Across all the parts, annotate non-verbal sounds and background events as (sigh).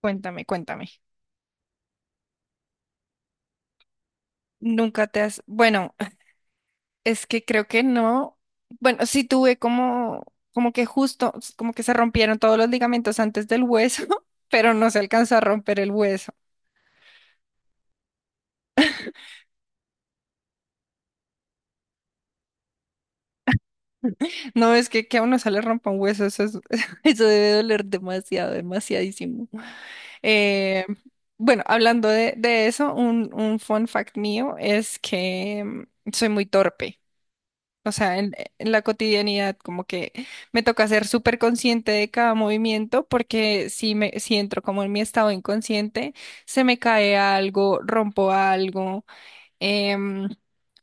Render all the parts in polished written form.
Cuéntame, cuéntame. Nunca te has, bueno, es que creo que no, bueno, sí tuve como, como que justo, como que se rompieron todos los ligamentos antes del hueso, (laughs) pero no se alcanzó a romper el hueso. (laughs) No, es que a uno se le rompa un hueso, (laughs) eso debe doler demasiado, demasiadísimo. Eh, bueno, hablando de eso, un fun fact mío es que soy muy torpe. O sea, en la cotidianidad, como que me toca ser súper consciente de cada movimiento, porque si entro como en mi estado inconsciente, se me cae algo, rompo algo, em,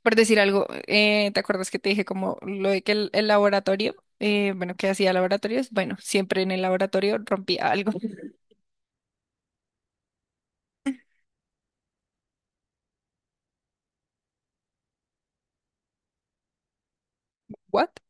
por decir algo, ¿te acuerdas que te dije como lo de que el laboratorio, bueno, que hacía laboratorios? Bueno, siempre en el laboratorio rompía algo. (laughs) ¿What?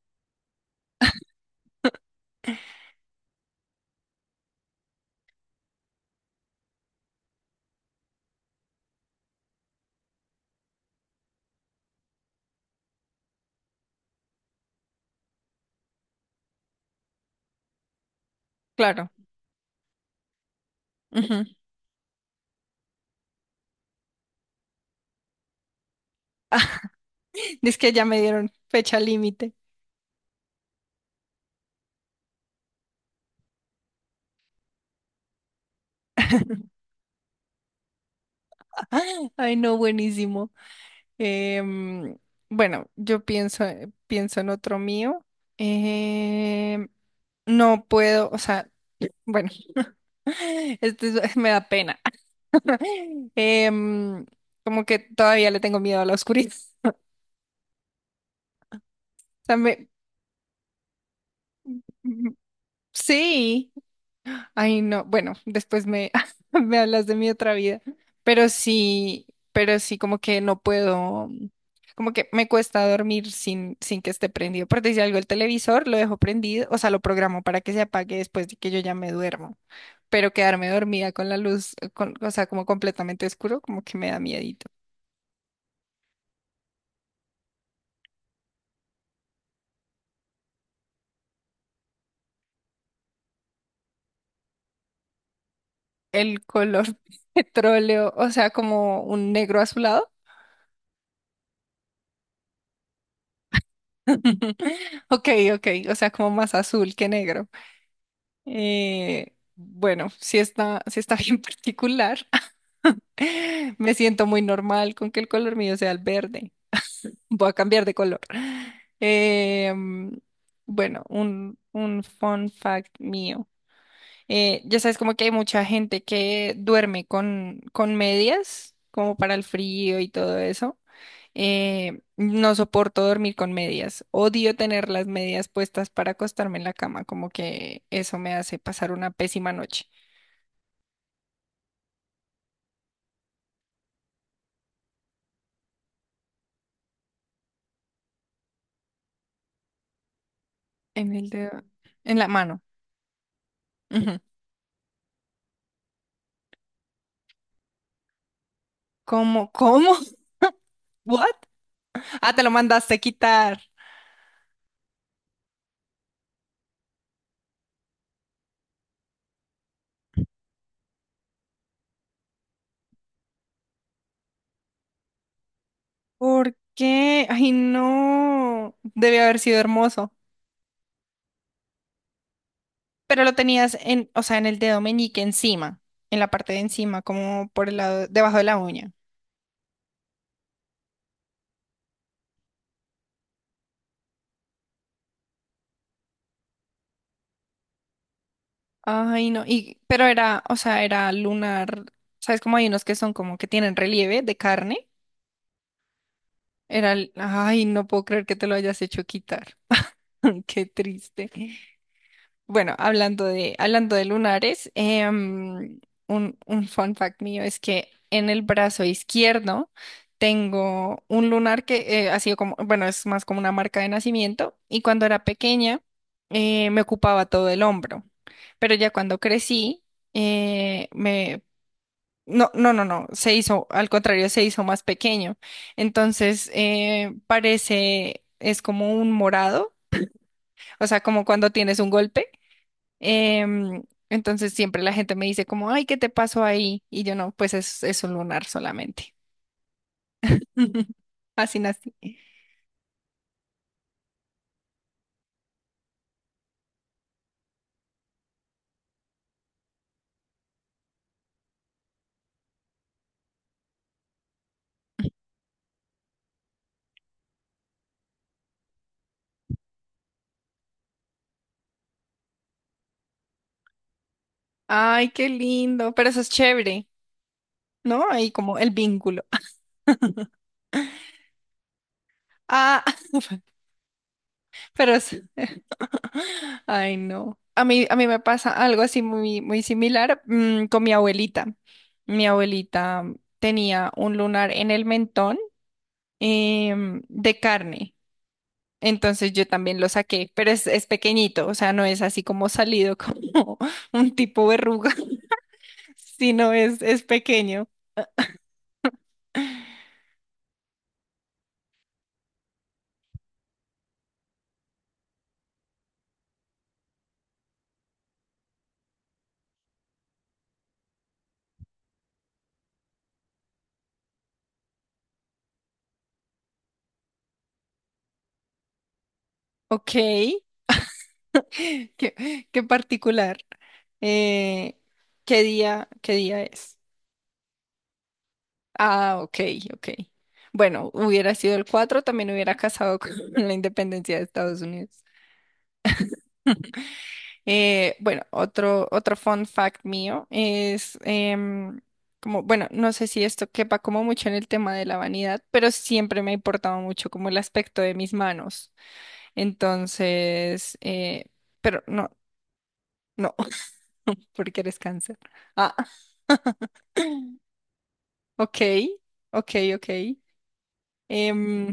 Claro. Ujú. (laughs) Ah, es que ya me dieron fecha límite. Ay, no, buenísimo. Em, bueno, yo pienso, pienso en otro mío. Em, no puedo, o sea, (clears throat) bueno, (laughs) me da pena. (laughs) Em, Como que todavía le tengo miedo a la oscuridad. (laughs) O sea, (laughs) sí. Ay, no, bueno, (laughs) me hablas de mi otra vida, pero sí, pero sí, como que no puedo, como que me cuesta dormir sin que esté prendido. Por decir algo, el televisor lo dejo prendido, o sea, lo programo para que se apague después de que yo ya me duermo, pero quedarme dormida con la luz, o sea, como completamente oscuro, como que me da miedito. El color (laughs) petróleo, o sea, como un negro azulado. (laughs) Ok, ok, o sea, como más azul que negro. Bueno, si está, sí está bien (laughs) particular. (laughs) Me siento muy normal con que el color mío sea el verde. Voy a cambiar de color. Eh, mm, bueno, un fun fact mío. Ya sabes, como que hay mucha gente que duerme con medias, como para el frío y todo eso. No soporto dormir con medias. Odio tener las medias puestas para acostarme en la cama, como que eso me hace pasar una pésima noche. En el dedo. En la mano. Ujú. ¿Cómo? ¿Cómo? (laughs) ¿What? Ah, te lo mandaste quitar. ¿Por qué? Ay, no. Debe haber sido hermoso. Pero lo tenías en, o sea, en el dedo meñique encima, en la parte de encima, como por el lado, debajo de la uña. Ay, no. Y, pero era, o sea, era lunar. ¿Sabes cómo hay unos que son como que tienen relieve de carne? Ay, no puedo creer que te lo hayas hecho quitar. (laughs) Qué triste. Bueno, hablando de lunares, un fun fact mío es que en el brazo izquierdo tengo un lunar que ha sido como, bueno, es más como una marca de nacimiento y cuando era pequeña me ocupaba todo el hombro, pero ya cuando crecí me... No, se hizo, al contrario, se hizo más pequeño. Entonces, parece, es como un morado, o sea, como cuando tienes un golpe. Em, entonces siempre la gente me dice como, ay, ¿qué te pasó ahí? Y yo no, pues es un lunar solamente. (laughs) Así nací. Ay, qué lindo, pero eso es chévere, ¿no? Ahí como el vínculo. (laughs) Ah, (laughs) pero es- (laughs) ay, no. A mí me pasa algo así muy, muy similar, con mi abuelita. Mi abuelita tenía un lunar en el mentón, de carne. Entonces yo también lo saqué, pero es pequeñito, o sea, no es así como salido como (laughs) un tipo verruga, (laughs) es pequeño. Ok, (laughs) qué particular. Eh, ¿Qué día, qué día es? Ah, ok, ok. Bueno, hubiera sido el 4 también hubiera casado con (laughs) la independencia de Estados Unidos. Bueno, otro fun fact mío es como, bueno, no sé si esto quepa como mucho en el tema de la vanidad, pero siempre me ha importado mucho como el aspecto de mis manos. Entonces, pero no, no, (laughs) porque eres cáncer. Ah, ok, ok, ok. Em,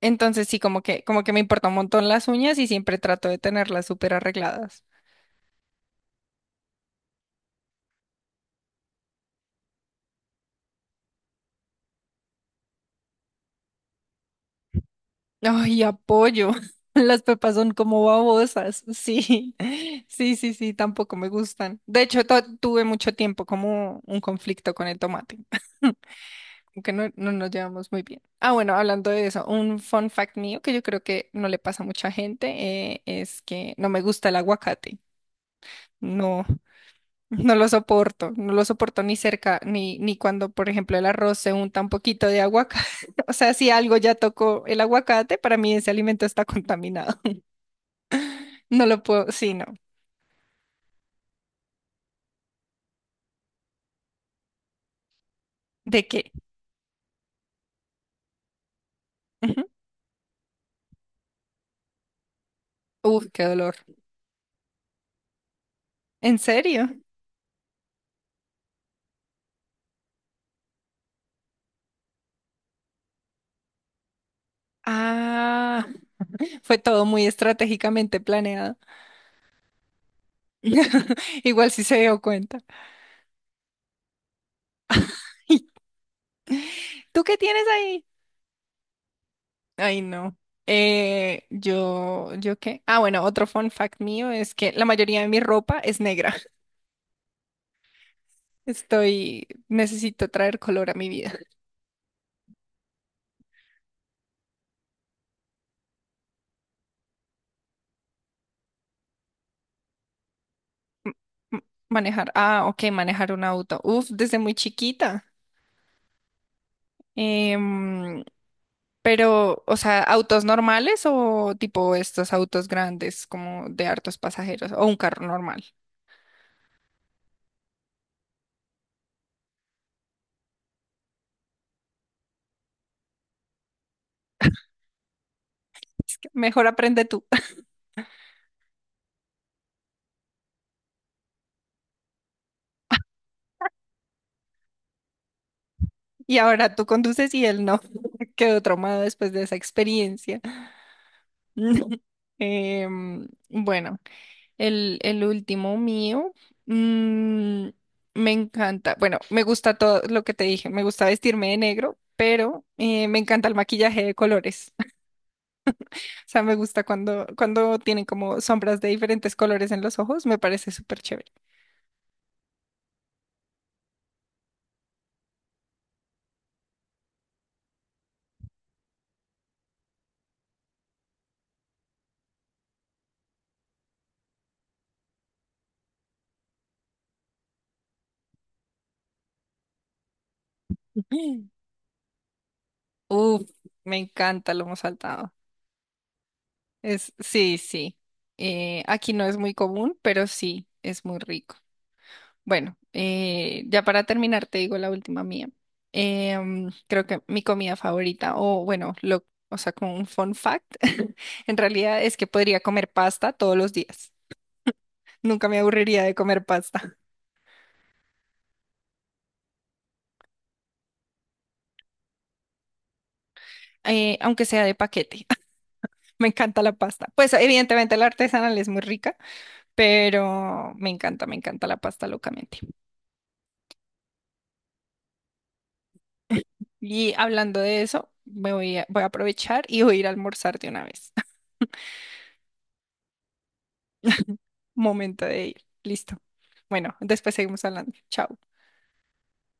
entonces sí, como que me importa un montón las uñas y siempre trato de tenerlas súper arregladas. Ay, apoyo. (laughs) Las pepas son como babosas. Sí, (laughs) sí, sí, sí, tampoco me gustan. De hecho, tuve mucho tiempo como un conflicto con el tomate, (laughs) como que no, no nos llevamos muy bien. Ah, bueno, hablando de eso, un fun fact mío que yo creo que no le pasa a mucha gente es que no me gusta el aguacate. No. No lo soporto, no lo soporto ni cerca, ni cuando, por ejemplo, el arroz se unta un poquito de aguacate. (laughs) O sea, si algo ya tocó el aguacate, para mí ese alimento está contaminado. (laughs) No lo puedo, sí, no. ¿De qué? Ujú. Uf, qué dolor. ¿En serio? Ah, fue todo muy estratégicamente planeado. (laughs) Igual sí se dio cuenta. (laughs) ¿Tú qué tienes ahí? Ay, no. ¿Yo qué? Ah, bueno, otro fun fact mío es que la mayoría de mi ropa es negra. Estoy, necesito traer color a mi vida. M- Manejar, ah, ok, manejar un auto. Uf, desde muy chiquita. Em, pero, o sea, autos normales o tipo estos autos grandes como de hartos pasajeros o un carro normal. Es que mejor aprende tú. (laughs) Y ahora tú conduces y él no. (laughs) Quedó traumado después de esa experiencia. (laughs) Bueno. El último mío, mm, me encanta, bueno, me gusta todo lo que te dije, me gusta vestirme de negro, pero me encanta el maquillaje de colores. (laughs) O sea, me gusta cuando, cuando tienen como sombras de diferentes colores en los ojos, me parece súper chévere. (clears throat) Mm. Uf, me encanta lo hemos saltado. Es, sí, sí. Aquí no es muy común, pero sí, es muy rico. Bueno, ya para terminar, te digo la última mía. Creo que mi comida favorita, o bueno, lo, o sea, como un fun fact, (laughs) en realidad es que podría comer pasta todos los días. Nunca me aburriría de comer pasta, (laughs) aunque sea de paquete. (laughs) Me encanta la pasta. Pues evidentemente la artesanal es muy rica, pero me encanta la pasta locamente. Y hablando de eso, me voy voy a aprovechar y voy a ir a almorzar de una vez. Momento de ir. Listo. Bueno, después seguimos hablando. Chao.